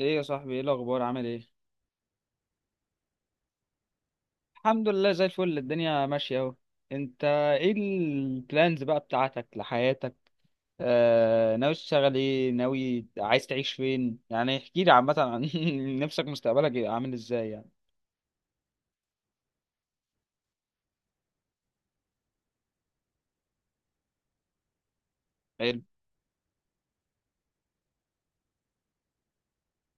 ايه يا صاحبي، ايه الاخبار، عامل ايه؟ الحمد لله زي الفل، الدنيا ماشيه اهو. انت، ايه البلانز بقى بتاعتك لحياتك؟ ناوي تشتغل ايه؟ ناوي عايز تعيش فين يعني؟ احكي لي عامه عن نفسك، مستقبلك يبقى عامل ازاي يعني. حلو.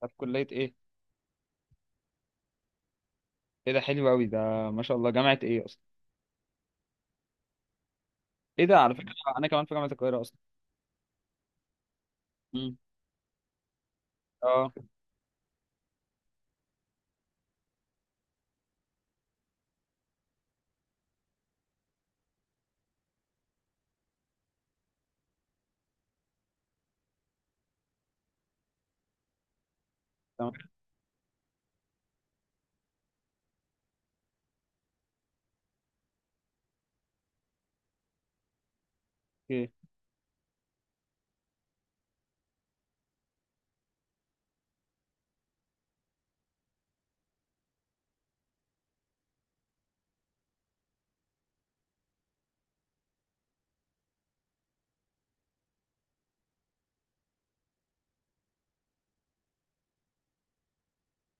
طب كليه ايه؟ ايه ده، حلو قوي ده. ما شاء الله، جامعه ايه اصلا؟ ايه ده، على فكره انا كمان في جامعه القاهره اصلا. امم. اه، تمام. اوكي.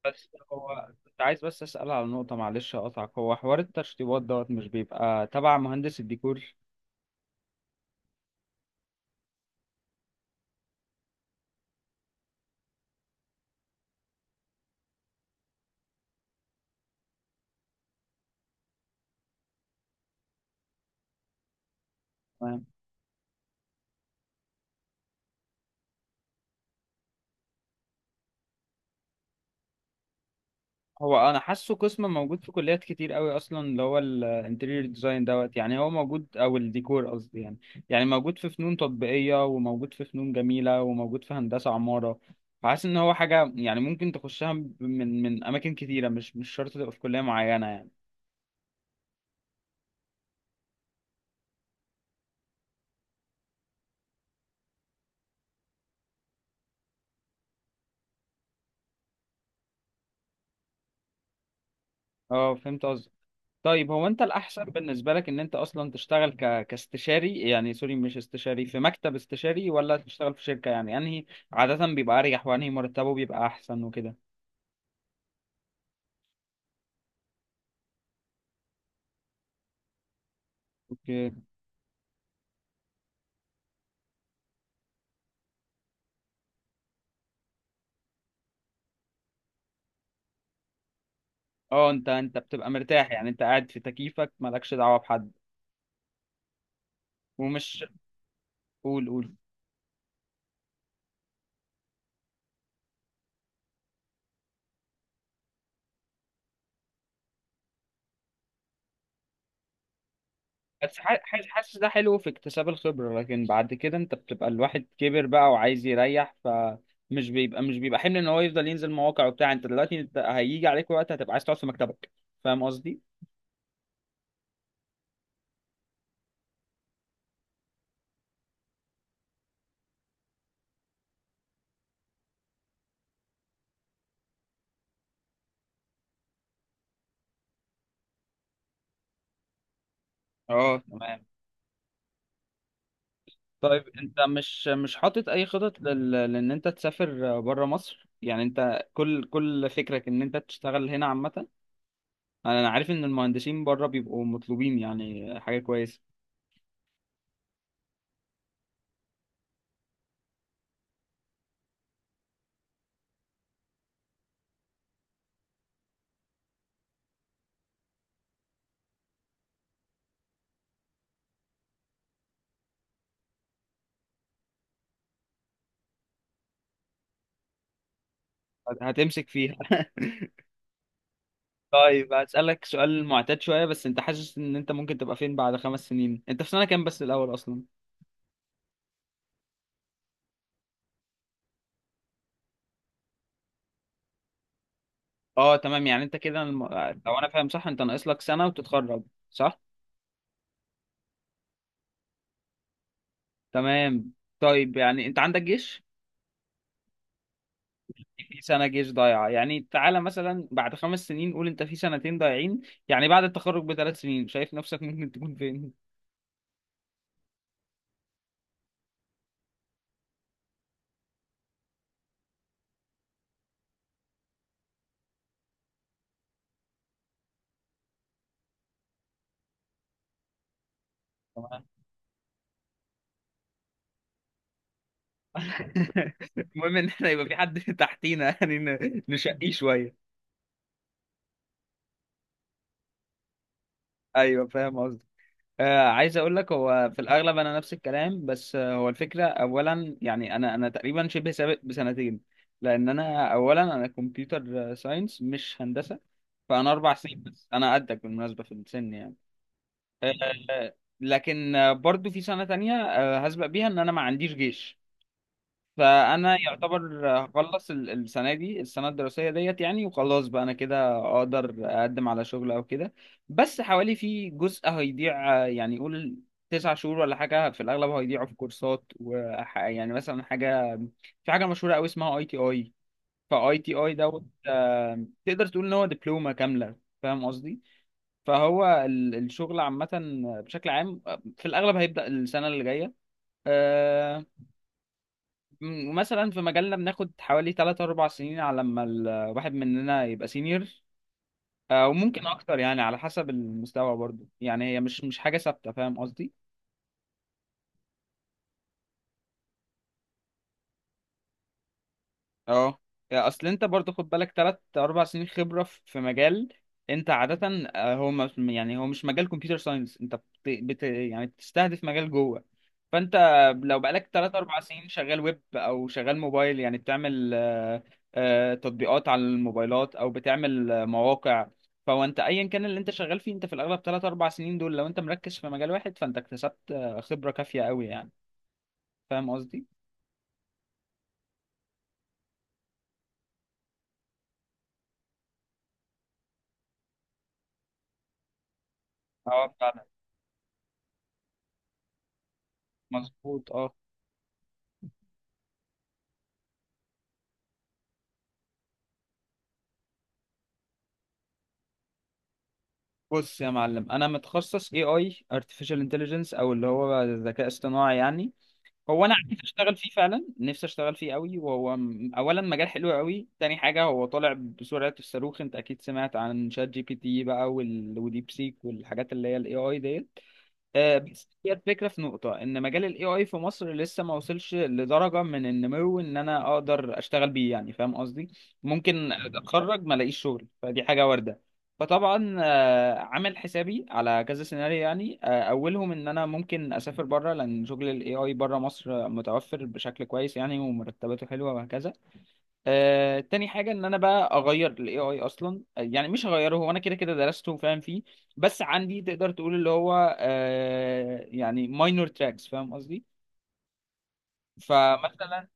بس هو كنت عايز بس اسال على نقطه، معلش اقطعك، هو حوار التشطيبات دوت مش بيبقى تبع مهندس الديكور؟ هو انا حاسه قسم موجود في كليات كتير قوي اصلا، اللي هو الانتيريور ديزاين دوت يعني هو موجود، او الديكور قصدي يعني. يعني موجود في فنون تطبيقيه، وموجود في فنون جميله، وموجود في هندسه عماره. فحاسس ان هو حاجه يعني ممكن تخشها من اماكن كتيره، مش شرط تبقى في كليه معينه يعني. اه، فهمت قصدك. طيب هو انت الاحسن بالنسبه لك ان انت اصلا تشتغل كاستشاري، يعني سوري مش استشاري، في مكتب استشاري، ولا تشتغل في شركه؟ يعني انهي عاده بيبقى اريح، وانهي مرتبه بيبقى احسن وكده. اوكي. اه، انت بتبقى مرتاح، يعني انت قاعد في تكييفك مالكش دعوة بحد، ومش، قول قول. بس حاسس ده حلو في اكتساب الخبرة، لكن بعد كده انت بتبقى الواحد كبر بقى وعايز يريح، فمش بيبقى مش بيبقى حمل ان هو يفضل ينزل مواقع وبتاع. انت دلوقتي انت هيجي عليك وقت هتبقى عايز تقعد في مكتبك، فاهم قصدي؟ اه، تمام. طيب انت مش حاطط اي خطط لان انت تسافر بره مصر، يعني انت كل فكرك ان انت تشتغل هنا عامة، انا عارف ان المهندسين بره بيبقوا مطلوبين، يعني حاجه كويسه. هتمسك فيها. طيب هسألك سؤال معتاد شويه، بس انت حاسس ان انت ممكن تبقى فين بعد 5 سنين؟ انت في سنه كام بس الاول اصلا؟ اه، تمام. يعني انت كده لو انا فاهم صح انت ناقص لك سنه وتتخرج، صح؟ تمام. طيب يعني انت عندك جيش، في سنه جيش ضايعه. يعني تعالى مثلا بعد 5 سنين، قول انت في سنتين ضايعين، يعني بعد التخرج بثلاث سنين، شايف نفسك ممكن تكون فين؟ المهم ان احنا يبقى في حد تحتينا، يعني نشقيه شويه. ايوه، فاهم قصدي. عايز اقول لك، هو في الاغلب انا نفس الكلام، بس هو الفكره اولا، يعني انا تقريبا شبه سابق بسنتين، لان انا اولا، انا كمبيوتر ساينس مش هندسه، فانا 4 سنين، بس انا قدك بالمناسبه في السن يعني. آه لكن برضو في سنه تانية هسبق بيها ان انا ما عنديش جيش، فانا يعتبر هخلص السنه دي، السنه الدراسيه ديت يعني، وخلاص بقى انا كده اقدر اقدم على شغل او كده. بس حوالي في جزء هيضيع، يعني قول 9 شهور ولا حاجه في الاغلب هيضيعوا في كورسات يعني مثلا حاجه، في حاجه مشهوره قوي اسمها اي تي اي. فاي تي اي دوت، تقدر تقول ان هو دبلومه كامله، فاهم قصدي؟ فهو الشغل عامه بشكل عام، في الاغلب هيبدا السنه اللي جايه. آه، مثلا في مجالنا بناخد حوالي 3 4 سنين على لما الواحد مننا يبقى سينيور، وممكن اكتر يعني على حسب المستوى برضو، يعني هي مش حاجة ثابتة، فاهم قصدي؟ اه، يعني اصل انت برضو خد بالك 3 4 سنين خبرة في مجال انت عادة، آه، هو ما- يعني هو مش مجال كمبيوتر ساينس، انت يعني بتستهدف مجال جوه، فانت لو بقالك 3 4 سنين شغال ويب او شغال موبايل، يعني بتعمل تطبيقات على الموبايلات، او بتعمل مواقع، فهو انت ايا كان اللي انت شغال فيه، انت في الاغلب 3 4 سنين دول لو انت مركز في مجال واحد، فانت اكتسبت خبرة كافية قوي يعني، فاهم قصدي؟ اه، فعلا. مظبوط، اه. بص يا معلم، انا متخصص اي اي، ارتفيشال انتليجنس، او اللي هو ذكاء اصطناعي يعني. هو انا عايز اشتغل فيه فعلا، نفسي اشتغل فيه قوي، وهو اولا مجال حلو قوي، تاني حاجه هو طالع بسرعه الصاروخ، انت اكيد سمعت عن شات جي بي تي بقى، وديب سيك والحاجات اللي هي الاي اي ديت. بس هي الفكرة في نقطة إن مجال ال AI في مصر لسه ما وصلش لدرجة من النمو إن أنا أقدر أشتغل بيه يعني، فاهم قصدي؟ ممكن أتخرج ما ألاقيش شغل، فدي حاجة واردة. فطبعا عامل حسابي على كذا سيناريو، يعني أولهم إن أنا ممكن أسافر بره، لأن شغل ال AI بره مصر متوفر بشكل كويس يعني ومرتباته حلوة وهكذا. تاني حاجة ان انا بقى اغير الاي اي اصلا، يعني مش هغيره، هو انا كده كده درسته وفاهم فيه، بس عندي تقدر تقول اللي هو يعني ماينور تراكس، فاهم قصدي؟ فمثلا.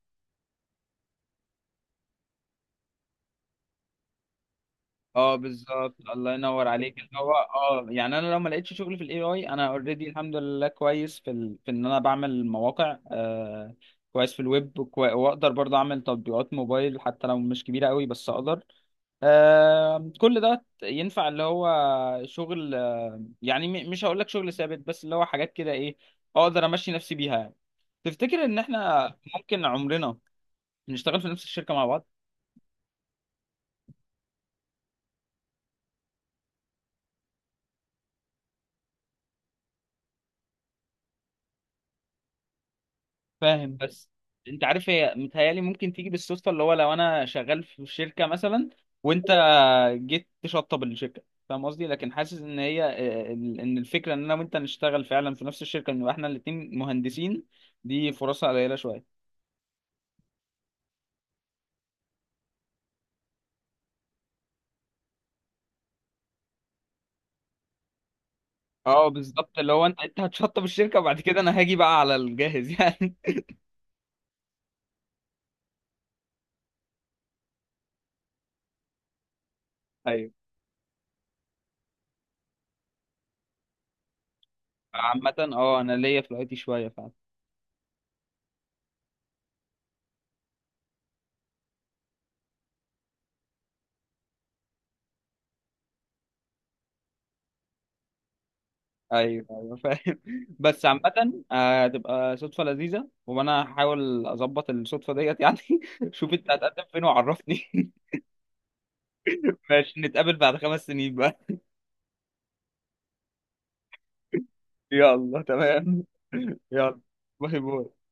اه بالظبط، الله ينور عليك، اللي هو اه يعني انا لو ما لقيتش شغل في الاي اي، انا اوريدي الحمد لله كويس في ان انا بعمل مواقع، كويس في الويب، واقدر برضه اعمل تطبيقات موبايل حتى لو مش كبيرة قوي، بس اقدر، كل ده ينفع اللي هو شغل، يعني مش هقول لك شغل ثابت، بس اللي هو حاجات كده ايه، اقدر امشي نفسي بيها يعني. تفتكر ان احنا ممكن عمرنا نشتغل في نفس الشركة مع بعض؟ فاهم، بس انت عارف هي متهيألي ممكن تيجي بالصدفة، اللي هو لو انا شغال في شركة مثلا، وانت جيت تشطب الشركة، فاهم قصدي، لكن حاسس ان هي ان الفكرة ان انا وانت نشتغل فعلا في نفس الشركة، نبقى احنا الاتنين مهندسين، دي فرصها قليلة شوية. اه بالظبط، اللي هو انت هتشطب الشركه، وبعد كده انا هاجي بقى على الجاهز يعني. ايوه. عامه اه، انا ليا في الاي شويه فعلا. ايوه ايوه، فاهم. بس عامه هتبقى صدفه لذيذه، وانا هحاول اظبط الصدفه ديت يعني. شوف انت هتقدم فين وعرفني. ماشي نتقابل بعد 5 سنين بقى. يلا تمام. يلا. باي باي.